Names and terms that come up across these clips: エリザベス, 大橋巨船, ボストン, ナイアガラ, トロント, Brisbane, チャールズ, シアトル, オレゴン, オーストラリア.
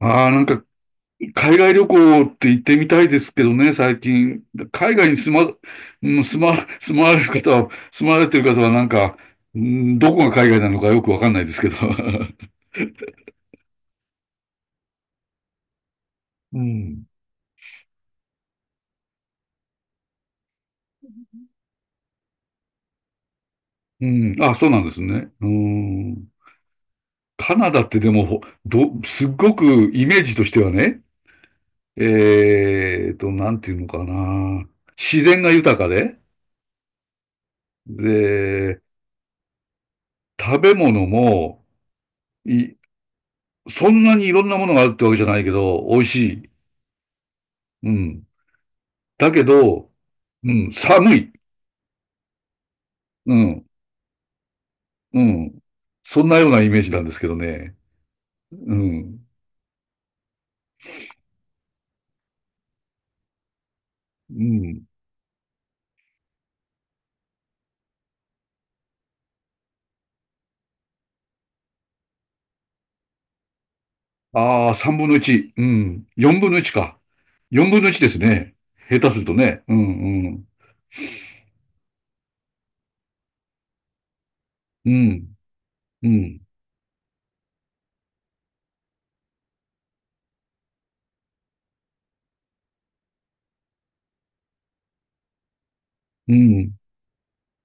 ああ、なんか、海外旅行って行ってみたいですけどね、最近。海外に住ま、うん住ま、住まわれる方は、住まわれてる方はなんか、うんどこが海外なのかよくわかんないですけど。うん。うん。あ、そうなんですね。うん。カナダってでも、ど、すっごくイメージとしてはね、なんていうのかな。自然が豊かで、で、食べ物も、い、そんなにいろんなものがあるってわけじゃないけど、美味しい。うん。だけど、うん、寒い。うん、うん。そんなようなイメージなんですけどね。うん、うん。ああ、三分の一。うん。四分の一か。四分の一ですね。下手するとね。うん、うん。うん、うん、うん、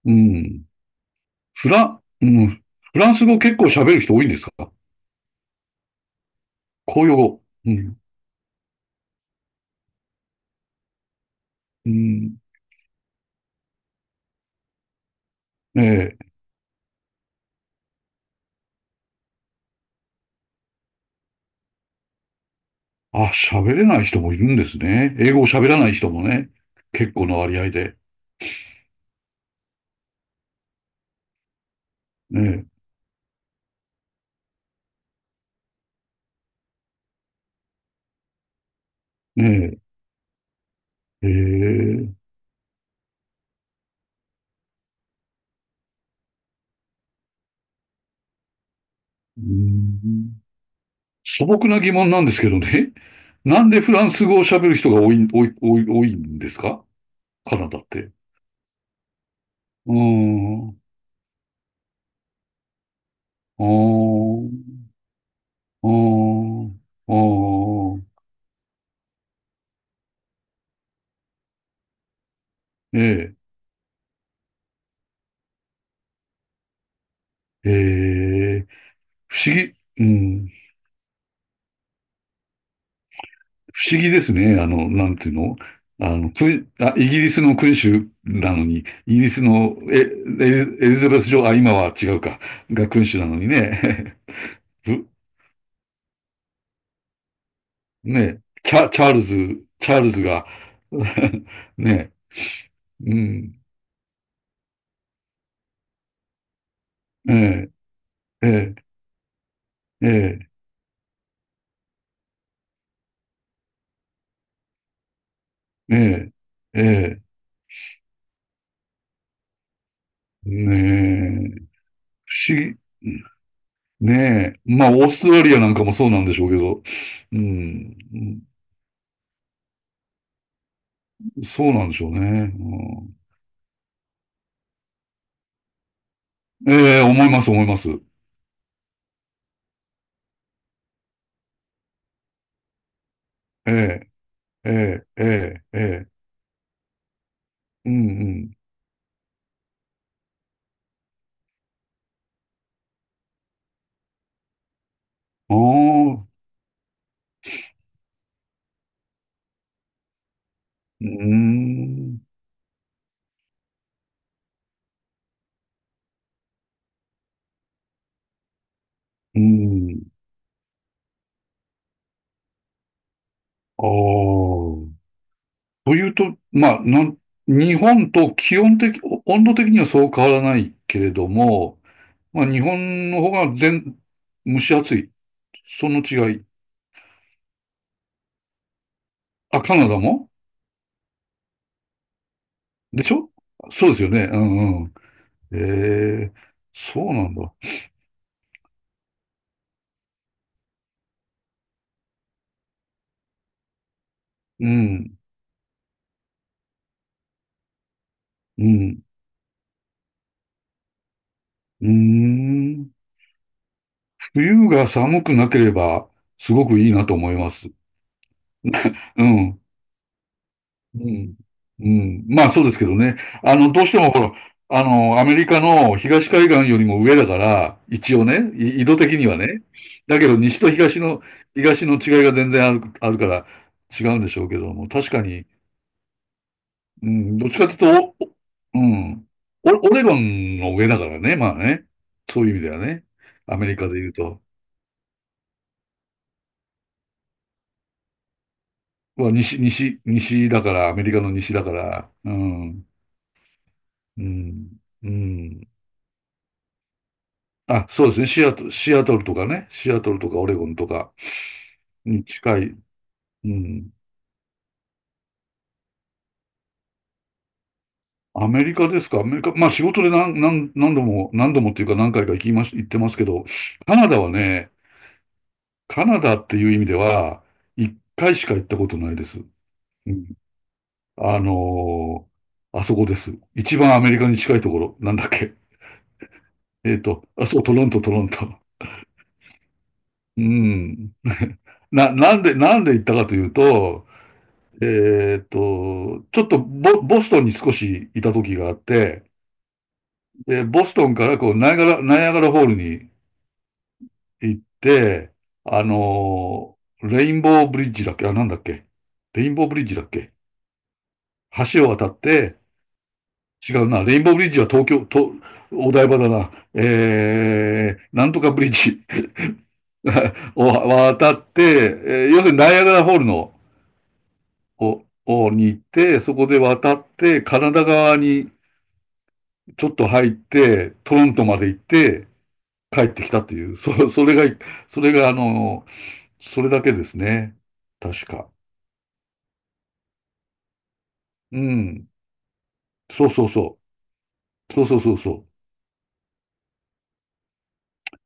うん。フラン、うん。フランス語結構喋る人多いんですか？公用語。うん、うん。ええ。あ、喋れない人もいるんですね。英語を喋らない人もね。結構な割合で。ねえ、ねえ。へえ、うーん。素朴な疑問なんですけどね。なんでフランス語を喋る人が多いんですか？カナダって。うーん。うーん。うーん。うーん。ええ。ええ。不思議、うん。不思議ですね。あの、なんていうの。あの、イギリスの君主なのに、イギリスのエ、エリエリザベス女王、あ、今は違うか、が君主なのにね。ね、チャールズが、ね、うん、ええ、ええ、ええ、ええ、ええ。ねえ、不思議、ねえ、まあ、オーストラリアなんかもそうなんでしょうけど、うん、うん。そうなんでしょうね。うん、ええ、思います、思います。ええ、ええ、ええ、ええ、うん、うん。ああ、うん、うん、ああ。というと、まあ、なん、日本と気温的、温度的にはそう変わらないけれども、まあ、日本の方が蒸し暑い。その違い。あ、カナダも？でしょ？そうですよね。うんうん。ええ。そうなんだ。うん、うん、うーん。冬が寒くなければ、すごくいいなと思います。うん。うん。うん。まあそうですけどね。あの、どうしてもほら、あの、アメリカの東海岸よりも上だから、一応ね、緯度的にはね。だけど、西と東の、東の違いが全然あるから違うんでしょうけども、確かに、うん、どっちかというと、おうん、オオレゴンの上だからね、まあね。そういう意味ではね。アメリカで言うと。まあ、西だから、アメリカの西だから、うん、うん、うん。あ、そうですね。シアトルとかね。シアトルとかオレゴンとかに近い。うん。アメリカですか？アメリカ。まあ仕事で何度もっていうか何回か行きまし、行ってますけど、カナダはね、カナダっていう意味では、一回しか行ったことないです。うん。あのー、あそこです。一番アメリカに近いところ。なんだっけ。えっと、あ、そう、トロント。うん。なんで行ったかというと、ちょっとボストンに少しいた時があって、で、ボストンからこう、ナイアガラホールに行って、レインボーブリッジだっけ、あ、なんだっけ、レインボーブリッジだっけ、橋を渡って、違うな、レインボーブリッジは東京、と、お台場だな、えー、なんとかブリッジ を渡って、えー要するにナイアガラホールの、に行って、そこで渡って、カナダ側にちょっと入って、トロントまで行って、帰ってきたっていう、そ、それが、あの、それだけですね。確か。うん。そうそうそう。そうそうそうそう。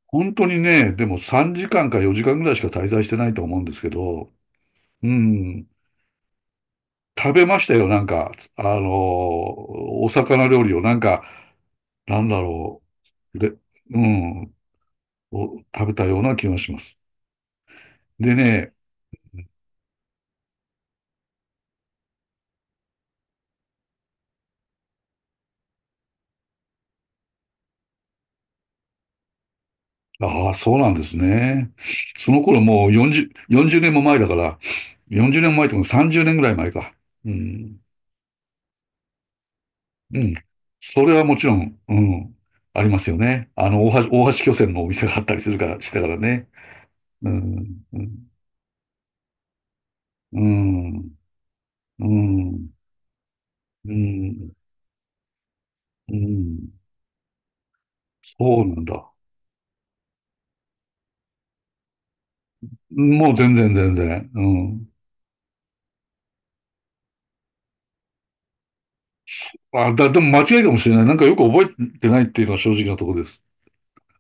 本当にね、でも3時間か4時間ぐらいしか滞在してないと思うんですけど、うん。食べましたよ、なんか、あのー、お魚料理を、なんか、なんだろう。で、うん、を食べたような気がします。でね、ああ、そうなんですね。その頃もう40年も前だから、40年も前とか30年ぐらい前か。うん。うん。それはもちろん、うん。ありますよね。あの、大橋巨船のお店があったりするから、してからね。うん。うん。うん。うん。うん。うん。そうなんだ。もう全然全然。うん。あ、でも間違いかもしれない。なんかよく覚えてないっていうのは正直なところです。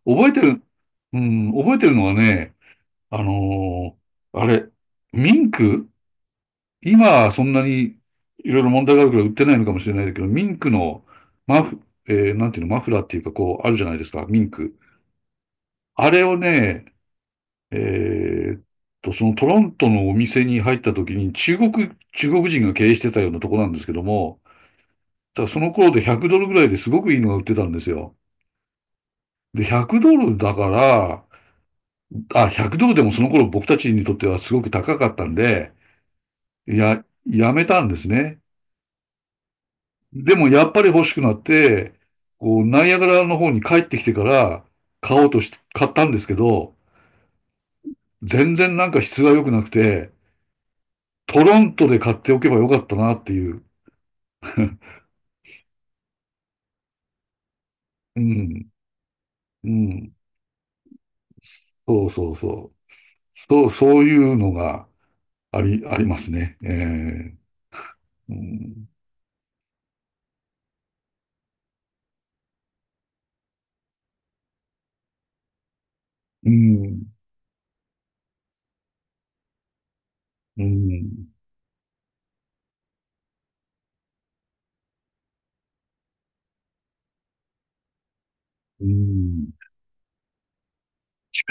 覚えてる、うん、覚えてるのはね、あのー、あれ、ミンク、今はそんなにいろいろ問題があるから売ってないのかもしれないけど、ミンクのマフ、えーなんていうの、マフラーっていうかこうあるじゃないですか、ミンク。あれをね、えーっと、そのトロントのお店に入った時に中国、中国人が経営してたようなとこなんですけども、ただその頃で100ドルぐらいですごくいいのが売ってたんですよ。で、100ドルだから、あ、100ドルでもその頃僕たちにとってはすごく高かったんで、やめたんですね。でもやっぱり欲しくなって、こう、ナイアガラの方に帰ってきてから買おうとして、買ったんですけど、全然なんか質が良くなくて、トロントで買っておけばよかったなっていう。うん、うん。そうそうそう。そう、そういうのがありますね。えー、うん、うん、うん、うん。